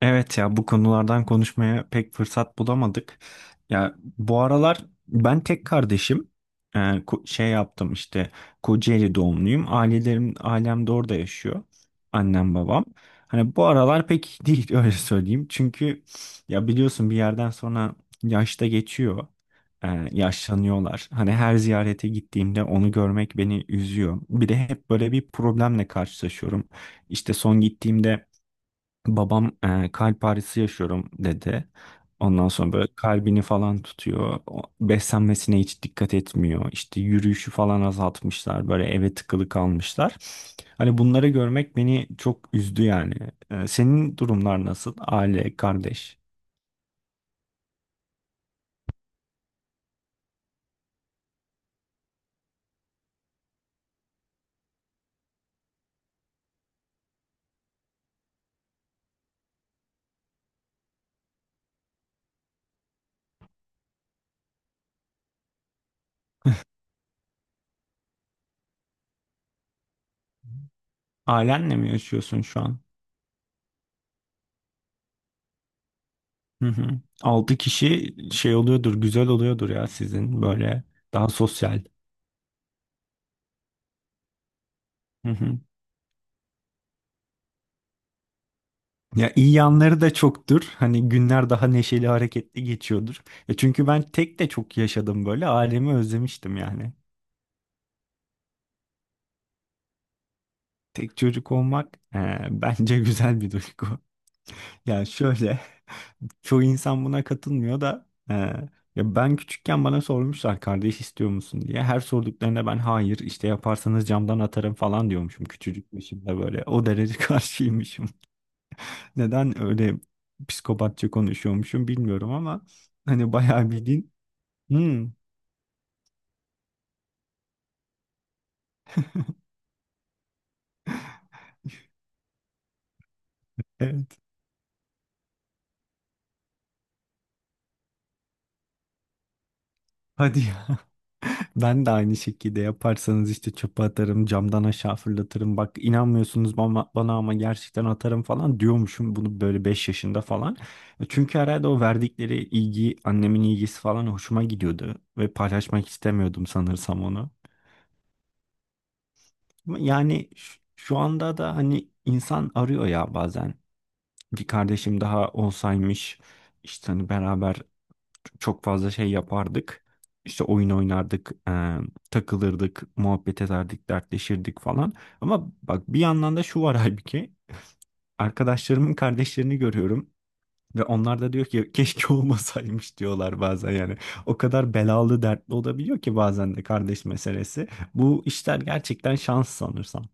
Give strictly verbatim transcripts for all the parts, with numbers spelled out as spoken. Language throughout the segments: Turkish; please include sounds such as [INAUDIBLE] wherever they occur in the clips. Evet ya bu konulardan konuşmaya pek fırsat bulamadık. Ya bu aralar ben tek kardeşim. Ee, ko- şey yaptım işte Kocaeli doğumluyum. Ailelerim ailem de orada yaşıyor. Annem babam. Hani bu aralar pek iyi değil [LAUGHS] öyle söyleyeyim. Çünkü ya biliyorsun bir yerden sonra yaşta geçiyor. Ee, yaşlanıyorlar. Hani her ziyarete gittiğimde onu görmek beni üzüyor. Bir de hep böyle bir problemle karşılaşıyorum. İşte son gittiğimde babam e, kalp ağrısı yaşıyorum dedi. Ondan sonra böyle kalbini falan tutuyor. O- Beslenmesine hiç dikkat etmiyor. İşte yürüyüşü falan azaltmışlar. Böyle eve tıkılı kalmışlar. Hani bunları görmek beni çok üzdü yani. E, senin durumlar nasıl? Aile, kardeş. Ailenle mi yaşıyorsun şu an? Hı hı. Altı kişi şey oluyordur, güzel oluyordur ya sizin böyle daha sosyal. Hı hı. Ya iyi yanları da çoktur. Hani günler daha neşeli, hareketli geçiyordur. Ya çünkü ben tek de çok yaşadım böyle. Ailemi özlemiştim yani. Tek çocuk olmak eee, [LAUGHS] bence güzel bir duygu. [LAUGHS] Yani şöyle, [LAUGHS] çoğu insan buna katılmıyor da eee, ya ben küçükken bana sormuşlar kardeş istiyor musun diye. Her sorduklarında ben hayır işte yaparsanız camdan atarım falan diyormuşum. Küçücükmüşüm de böyle. O derece [LAUGHS] karşıymışım. Neden öyle psikopatça konuşuyormuşum bilmiyorum ama hani bayağı bildiğin. Hmm, evet. Hadi ya. [LAUGHS] Ben de aynı şekilde yaparsanız işte çöpe atarım, camdan aşağı fırlatırım. Bak inanmıyorsunuz bana, bana ama gerçekten atarım falan diyormuşum bunu böyle beş yaşında falan. Çünkü herhalde o verdikleri ilgi, annemin ilgisi falan hoşuma gidiyordu ve paylaşmak istemiyordum sanırsam onu. Ama yani ş- şu anda da hani insan arıyor ya bazen. Bir kardeşim daha olsaymış. İşte hani beraber çok fazla şey yapardık. İşte oyun oynardık, e, takılırdık, muhabbet ederdik, dertleşirdik falan. Ama bak bir yandan da şu var [LAUGHS] halbuki. Arkadaşlarımın kardeşlerini görüyorum ve onlar da diyor ki keşke [LAUGHS] olmasaymış diyorlar bazen yani. O kadar belalı, dertli olabiliyor ki bazen de kardeş meselesi. Bu işler gerçekten şans sanırsam.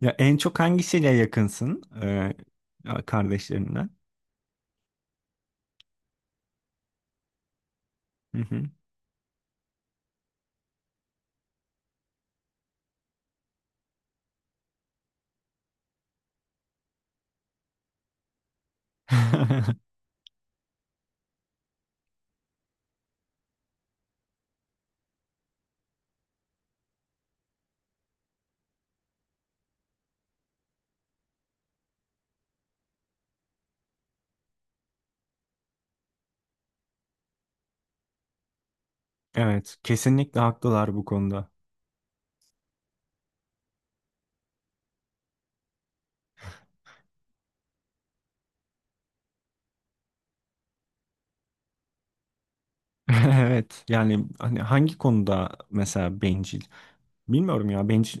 Ya en çok hangisiyle yakınsın e, kardeşlerinden? Hı hı. [LAUGHS] Evet, kesinlikle haklılar bu konuda. [LAUGHS] Evet yani hani hangi konuda mesela bencil bilmiyorum ya bencil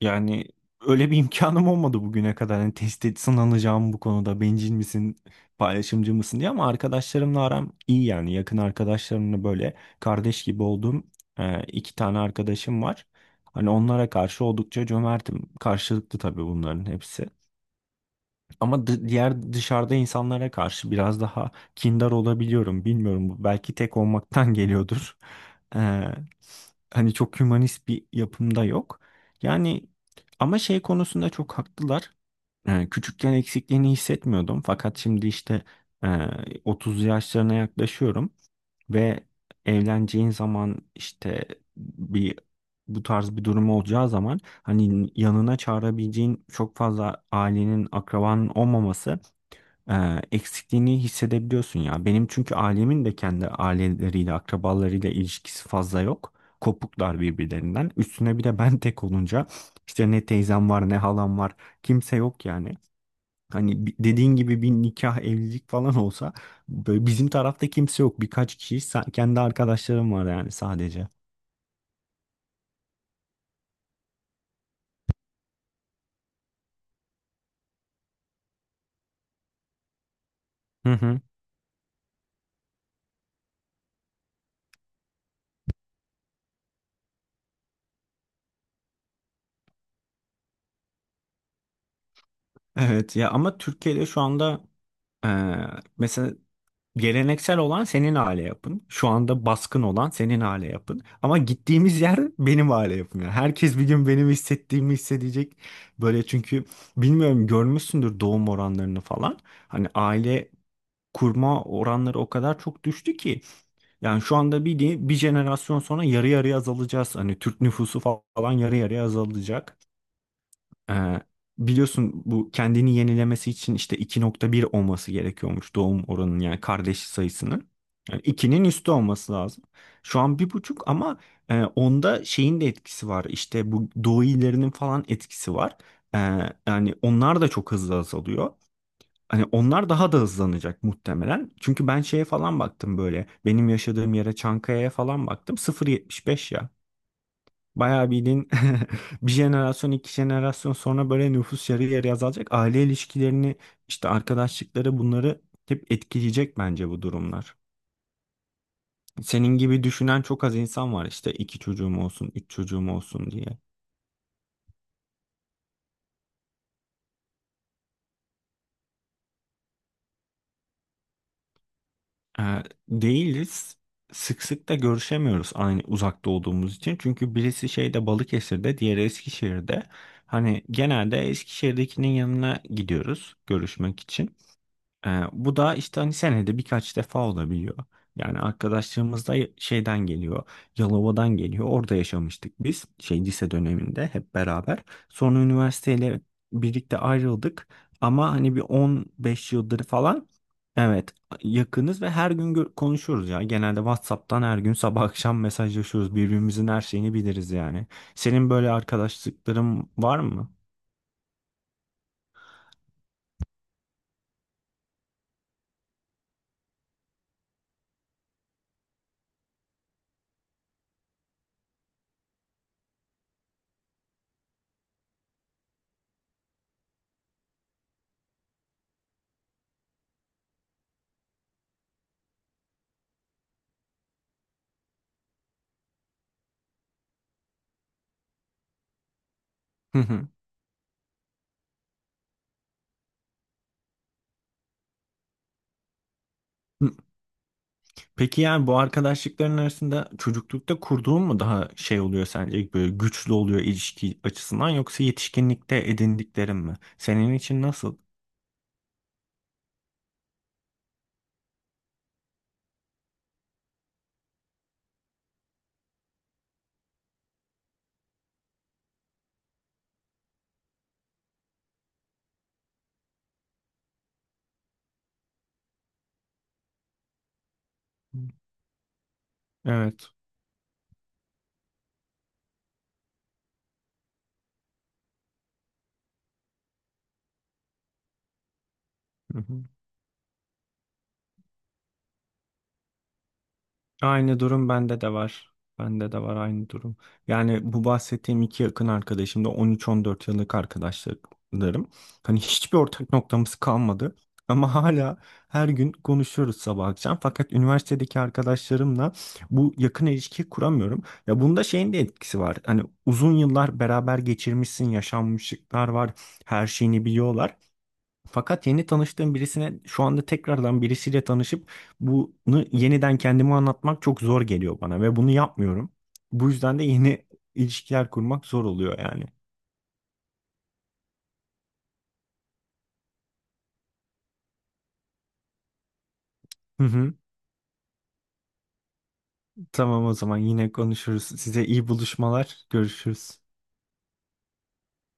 yani öyle bir [LAUGHS] imkanım olmadı bugüne kadar hani test et sınanacağım bu konuda bencil misin paylaşımcı mısın diye ama arkadaşlarımla aram iyi yani yakın arkadaşlarımla böyle kardeş gibi olduğum e, iki tane arkadaşım var hani onlara karşı oldukça cömertim karşılıklı tabii bunların hepsi. Ama dı- diğer dışarıda insanlara karşı biraz daha kindar olabiliyorum. Bilmiyorum bu belki tek olmaktan [LAUGHS] geliyordur. Ee, Hani çok hümanist bir yapımda yok. Yani ama şey konusunda çok haklılar. Ee, küçükken eksikliğini hissetmiyordum. Fakat şimdi işte e, otuz yaşlarına yaklaşıyorum. Ve evleneceğin zaman işte bir bu tarz bir durum olacağı zaman hani yanına çağırabileceğin çok fazla ailenin akrabanın olmaması e, eksikliğini hissedebiliyorsun ya. Benim çünkü ailemin de kendi aileleriyle akrabalarıyla ilişkisi fazla yok. Kopuklar birbirlerinden. Üstüne bir de ben tek olunca işte ne teyzem var ne halam var, kimse yok yani. Hani bi- dediğin gibi bir nikah, evlilik falan olsa böyle bizim tarafta kimse yok. Birkaç kişi sa- kendi arkadaşlarım var yani sadece. Hı hı. Evet ya ama Türkiye'de şu anda eee, mesela geleneksel olan senin aile yapın. Şu anda baskın olan senin aile yapın. Ama gittiğimiz yer benim aile yapım. Yani herkes bir gün benim hissettiğimi hissedecek. Böyle çünkü bilmiyorum görmüşsündür doğum oranlarını falan. Hani aile kurma oranları o kadar çok düştü ki. Yani şu anda bir, bir jenerasyon sonra yarı yarıya azalacağız. Hani Türk nüfusu fa- falan yarı yarıya azalacak. Ee, Biliyorsun bu kendini yenilemesi için işte iki nokta bir olması gerekiyormuş doğum oranının yani kardeş sayısının. Yani ikinin üstü olması lazım. Şu an bir buçuk ama e, onda şeyin de etkisi var. İşte bu doğu illerinin falan etkisi var. Ee, Yani onlar da çok hızlı azalıyor. Hani onlar daha da hızlanacak muhtemelen. Çünkü ben şeye falan baktım böyle. Benim yaşadığım yere Çankaya'ya falan baktım. Sıfır yetmiş beş ya. Bayağı bildiğin [LAUGHS] bir jenerasyon iki jenerasyon sonra böyle nüfus yarı yarıya azalacak. Aile ilişkilerini işte arkadaşlıkları bunları hep etkileyecek bence bu durumlar. Senin gibi düşünen çok az insan var işte iki çocuğum olsun, üç çocuğum olsun diye. Ee, Değiliz. Sık sık da görüşemiyoruz aynı uzakta olduğumuz için. Çünkü birisi şeyde Balıkesir'de, diğeri Eskişehir'de. Hani genelde Eskişehir'dekinin yanına gidiyoruz görüşmek için. Ee, bu da işte hani senede birkaç defa olabiliyor. Yani arkadaşlarımız da şeyden geliyor. Yalova'dan geliyor. Orada yaşamıştık biz. Şey lise döneminde hep beraber. Sonra üniversiteyle birlikte ayrıldık. Ama hani bir on beş yıldır falan, evet, yakınız ve her gün gö- konuşuyoruz ya. Genelde WhatsApp'tan her gün sabah akşam mesajlaşıyoruz. Birbirimizin her şeyini biliriz yani. Senin böyle arkadaşlıkların var mı? Hı hı. Peki yani bu arkadaşlıkların arasında çocuklukta kurduğun mu daha şey oluyor sence, böyle güçlü oluyor ilişki açısından, yoksa yetişkinlikte edindiklerin mi? Senin için nasıl? Evet. Aynı durum bende de var. Bende de var aynı durum. Yani bu bahsettiğim iki yakın arkadaşım da on üç on dört yıllık arkadaşlarım. Hani hiçbir ortak noktamız kalmadı. Ama hala her gün konuşuyoruz sabah akşam. Fakat üniversitedeki arkadaşlarımla bu yakın ilişki kuramıyorum. Ya bunda şeyin de etkisi var. Hani uzun yıllar beraber geçirmişsin, yaşanmışlıklar var, her şeyini biliyorlar. Fakat yeni tanıştığım birisine şu anda tekrardan birisiyle tanışıp bunu yeniden kendime anlatmak çok zor geliyor bana ve bunu yapmıyorum. Bu yüzden de yeni ilişkiler kurmak zor oluyor yani. Hı hı. Tamam o zaman yine konuşuruz. Size iyi buluşmalar. Görüşürüz.